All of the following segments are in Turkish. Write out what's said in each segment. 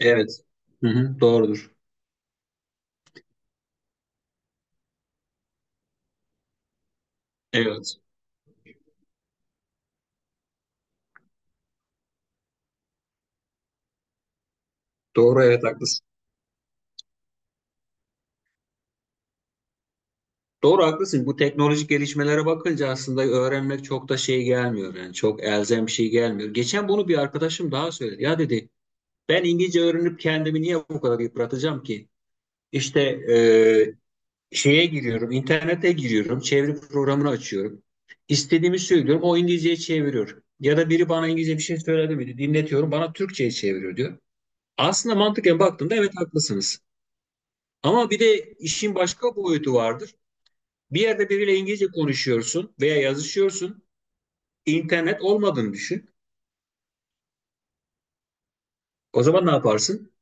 Evet. Hı hı, doğrudur. Evet. Doğru evet haklısın. Doğru haklısın. Bu teknolojik gelişmelere bakınca aslında öğrenmek çok da şey gelmiyor yani çok elzem bir şey gelmiyor. Geçen bunu bir arkadaşım daha söyledi. Ya dedi ben İngilizce öğrenip kendimi niye bu kadar yıpratacağım ki? İşte e, şeye giriyorum, internete giriyorum, çeviri programını açıyorum. İstediğimi söylüyorum, o İngilizceyi çeviriyor. Ya da biri bana İngilizce bir şey söyledi mi? Dinletiyorum, bana Türkçe'ye çeviriyor diyor. Aslında mantıken baktığımda evet haklısınız. Ama bir de işin başka boyutu vardır. Bir yerde biriyle İngilizce konuşuyorsun veya yazışıyorsun. İnternet olmadığını düşün. O zaman ne yaparsın?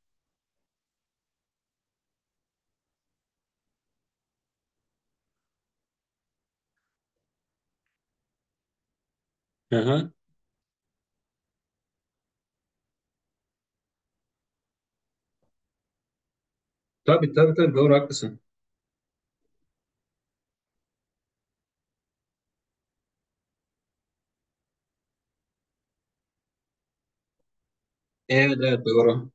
Hı hı. Tabii tabii tabii doğru haklısın. Evet evet doğru.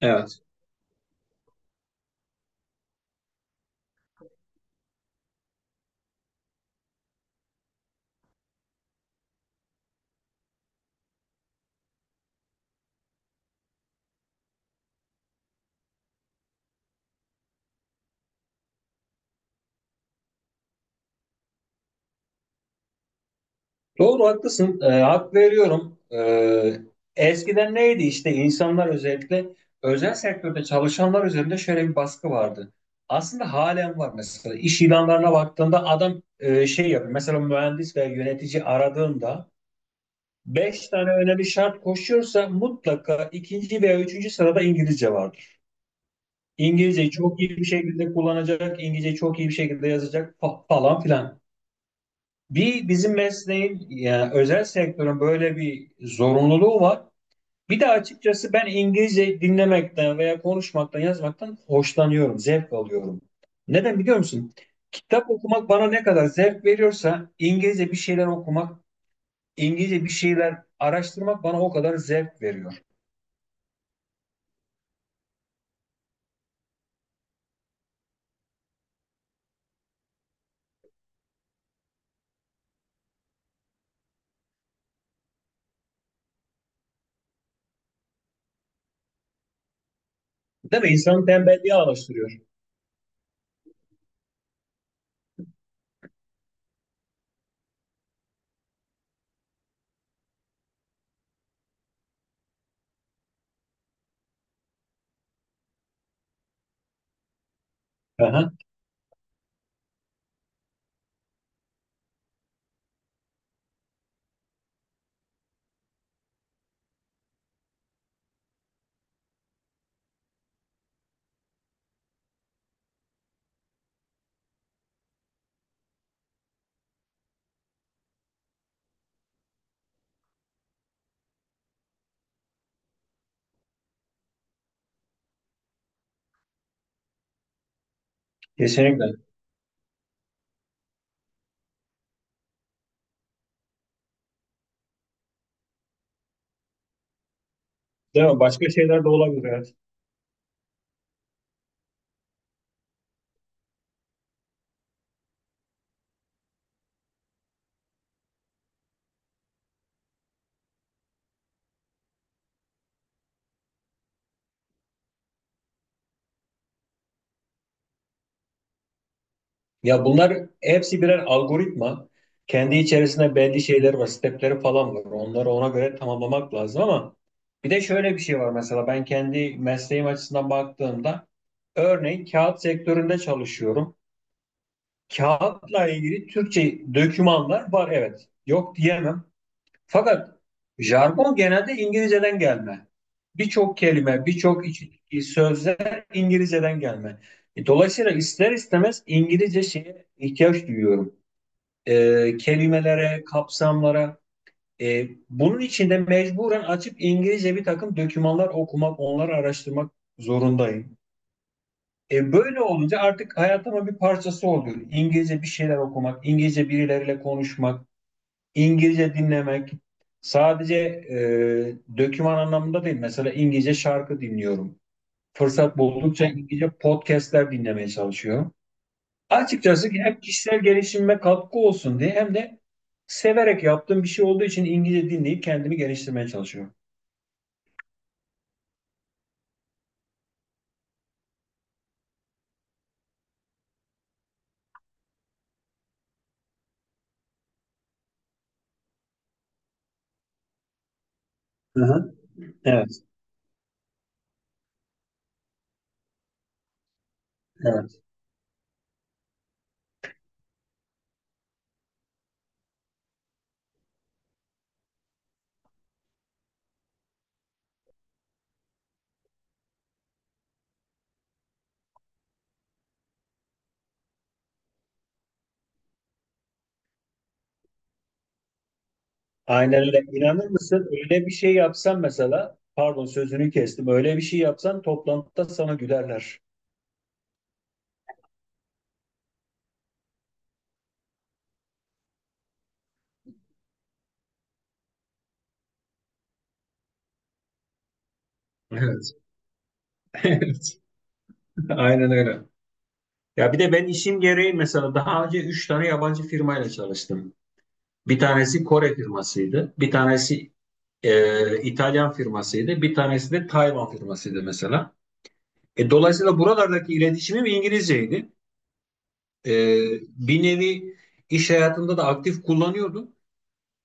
Evet. Doğru haklısın. Hak veriyorum. Eskiden neydi işte insanlar özellikle özel sektörde çalışanlar üzerinde şöyle bir baskı vardı. Aslında halen var mesela. İş ilanlarına baktığında adam şey yapıyor. Mesela mühendis veya yönetici aradığında beş tane önemli şart koşuyorsa mutlaka ikinci veya üçüncü sırada İngilizce vardır. İngilizceyi çok iyi bir şekilde kullanacak, İngilizceyi çok iyi bir şekilde yazacak falan filan. Bir bizim mesleğin yani özel sektörün böyle bir zorunluluğu var. Bir de açıkçası ben İngilizce dinlemekten veya konuşmaktan, yazmaktan hoşlanıyorum, zevk alıyorum. Neden biliyor musun? Kitap okumak bana ne kadar zevk veriyorsa İngilizce bir şeyler okumak, İngilizce bir şeyler araştırmak bana o kadar zevk veriyor. Değil mi? İnsanı tembelliğe alıştırıyor. Aha, kesinlikle. Değil mi? Başka şeyler de olabilir. Evet. Ya bunlar hepsi birer algoritma. Kendi içerisinde belli şeyler var, stepleri falan var. Onları ona göre tamamlamak lazım ama bir de şöyle bir şey var mesela ben kendi mesleğim açısından baktığımda örneğin kağıt sektöründe çalışıyorum. Kağıtla ilgili Türkçe dokümanlar var evet. Yok diyemem. Fakat jargon genelde İngilizceden gelme. Birçok kelime, birçok sözler İngilizceden gelme. Dolayısıyla ister istemez İngilizce şeye ihtiyaç duyuyorum. Kelimelere, kapsamlara. Bunun için de mecburen açıp İngilizce bir takım dokümanlar okumak, onları araştırmak zorundayım. Böyle olunca artık hayatımın bir parçası oluyor. İngilizce bir şeyler okumak, İngilizce birileriyle konuşmak. İngilizce dinlemek sadece döküman anlamında değil. Mesela İngilizce şarkı dinliyorum. Fırsat buldukça İngilizce podcastler dinlemeye çalışıyorum. Açıkçası hem kişisel gelişimime katkı olsun diye hem de severek yaptığım bir şey olduğu için İngilizce dinleyip kendimi geliştirmeye çalışıyorum. Hı hı. Evet, evet. Aynen öyle. İnanır mısın? Öyle bir şey yapsam mesela, pardon sözünü kestim. Öyle bir şey yapsan toplantıda sana gülerler. Evet. Evet. Aynen öyle. Ya bir de ben işim gereği mesela daha önce üç tane yabancı firmayla çalıştım. Bir tanesi Kore firmasıydı, bir tanesi İtalyan firmasıydı, bir tanesi de Tayvan firmasıydı mesela. Dolayısıyla buralardaki iletişimim İngilizceydi. E, bir nevi iş hayatımda da aktif kullanıyordum.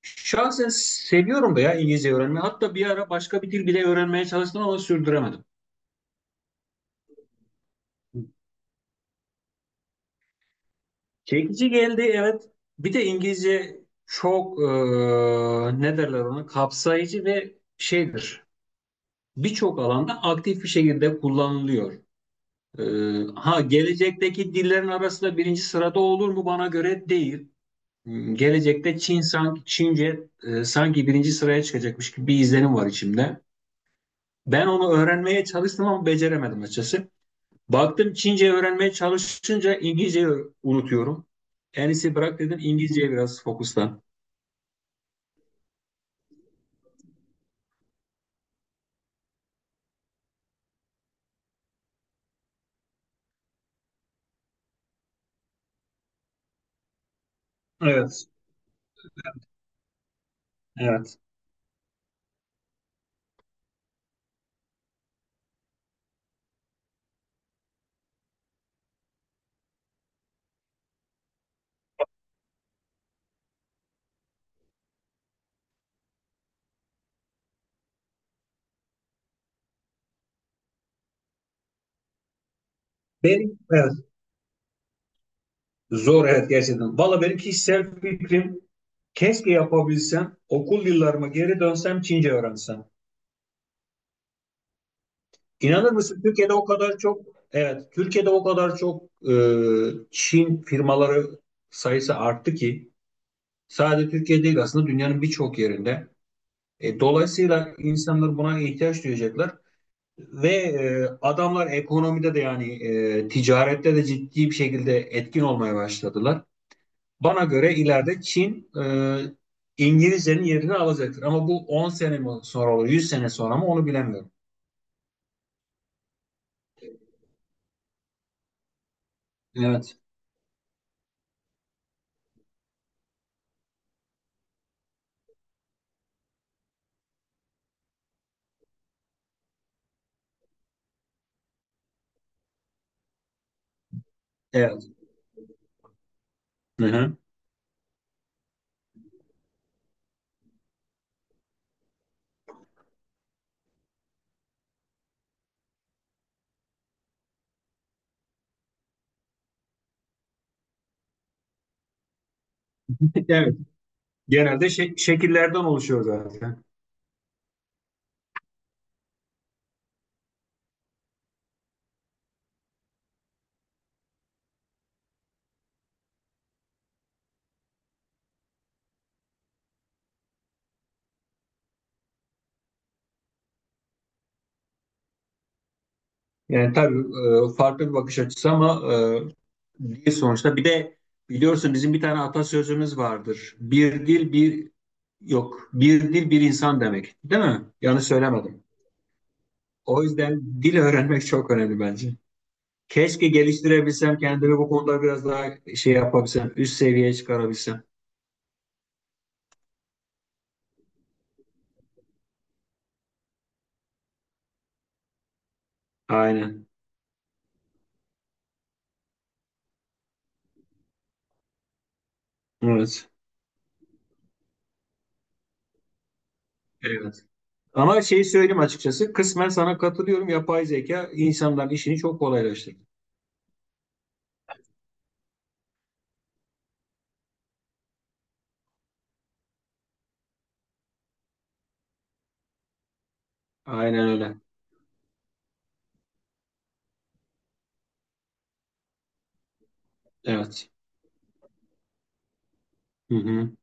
Şahsen seviyorum da ya İngilizce öğrenmeyi. Hatta bir ara başka bir dil bile öğrenmeye çalıştım ama sürdüremedim. Çekici geldi evet. Bir de İngilizce çok ne derler ona kapsayıcı ve şeydir. Birçok alanda aktif bir şekilde kullanılıyor. Ha gelecekteki dillerin arasında birinci sırada olur mu bana göre değil. Gelecekte Çin sanki Çince sanki birinci sıraya çıkacakmış gibi bir izlenim var içimde. Ben onu öğrenmeye çalıştım ama beceremedim açıkçası. Baktım Çince öğrenmeye çalışınca İngilizceyi unutuyorum. En iyisi bırak dedim İngilizceye biraz fokuslan. Evet, evet. Benim, evet, zor evet gerçekten. Valla benim kişisel fikrim keşke yapabilsem, okul yıllarıma geri dönsem Çince öğrensem. İnanır mısın Türkiye'de o kadar çok, evet Türkiye'de o kadar çok e, Çin firmaları sayısı arttı ki sadece Türkiye değil aslında dünyanın birçok yerinde. Dolayısıyla insanlar buna ihtiyaç duyacaklar. Ve adamlar ekonomide de yani ticarette de ciddi bir şekilde etkin olmaya başladılar. Bana göre ileride Çin İngilizcenin yerini alacaktır. Ama bu 10 sene mi sonra olur, 100 sene sonra mı onu bilemiyorum. Evet. Evet. Hı hı. Evet. Genelde şekillerden oluşuyor zaten. Yani tabii farklı bir bakış açısı ama değil sonuçta. Bir de biliyorsun bizim bir tane atasözümüz vardır. Bir dil bir yok. Bir dil bir insan demek. Değil mi? Yanlış söylemedim. O yüzden dil öğrenmek çok önemli bence. Keşke geliştirebilsem kendimi bu konuda biraz daha şey yapabilsem, üst seviyeye çıkarabilsem. Aynen. Evet. Evet. Ama şeyi söyleyeyim açıkçası. Kısmen sana katılıyorum. Yapay zeka insanların işini çok kolaylaştırdı. Aynen öyle. Evet. Hı hı.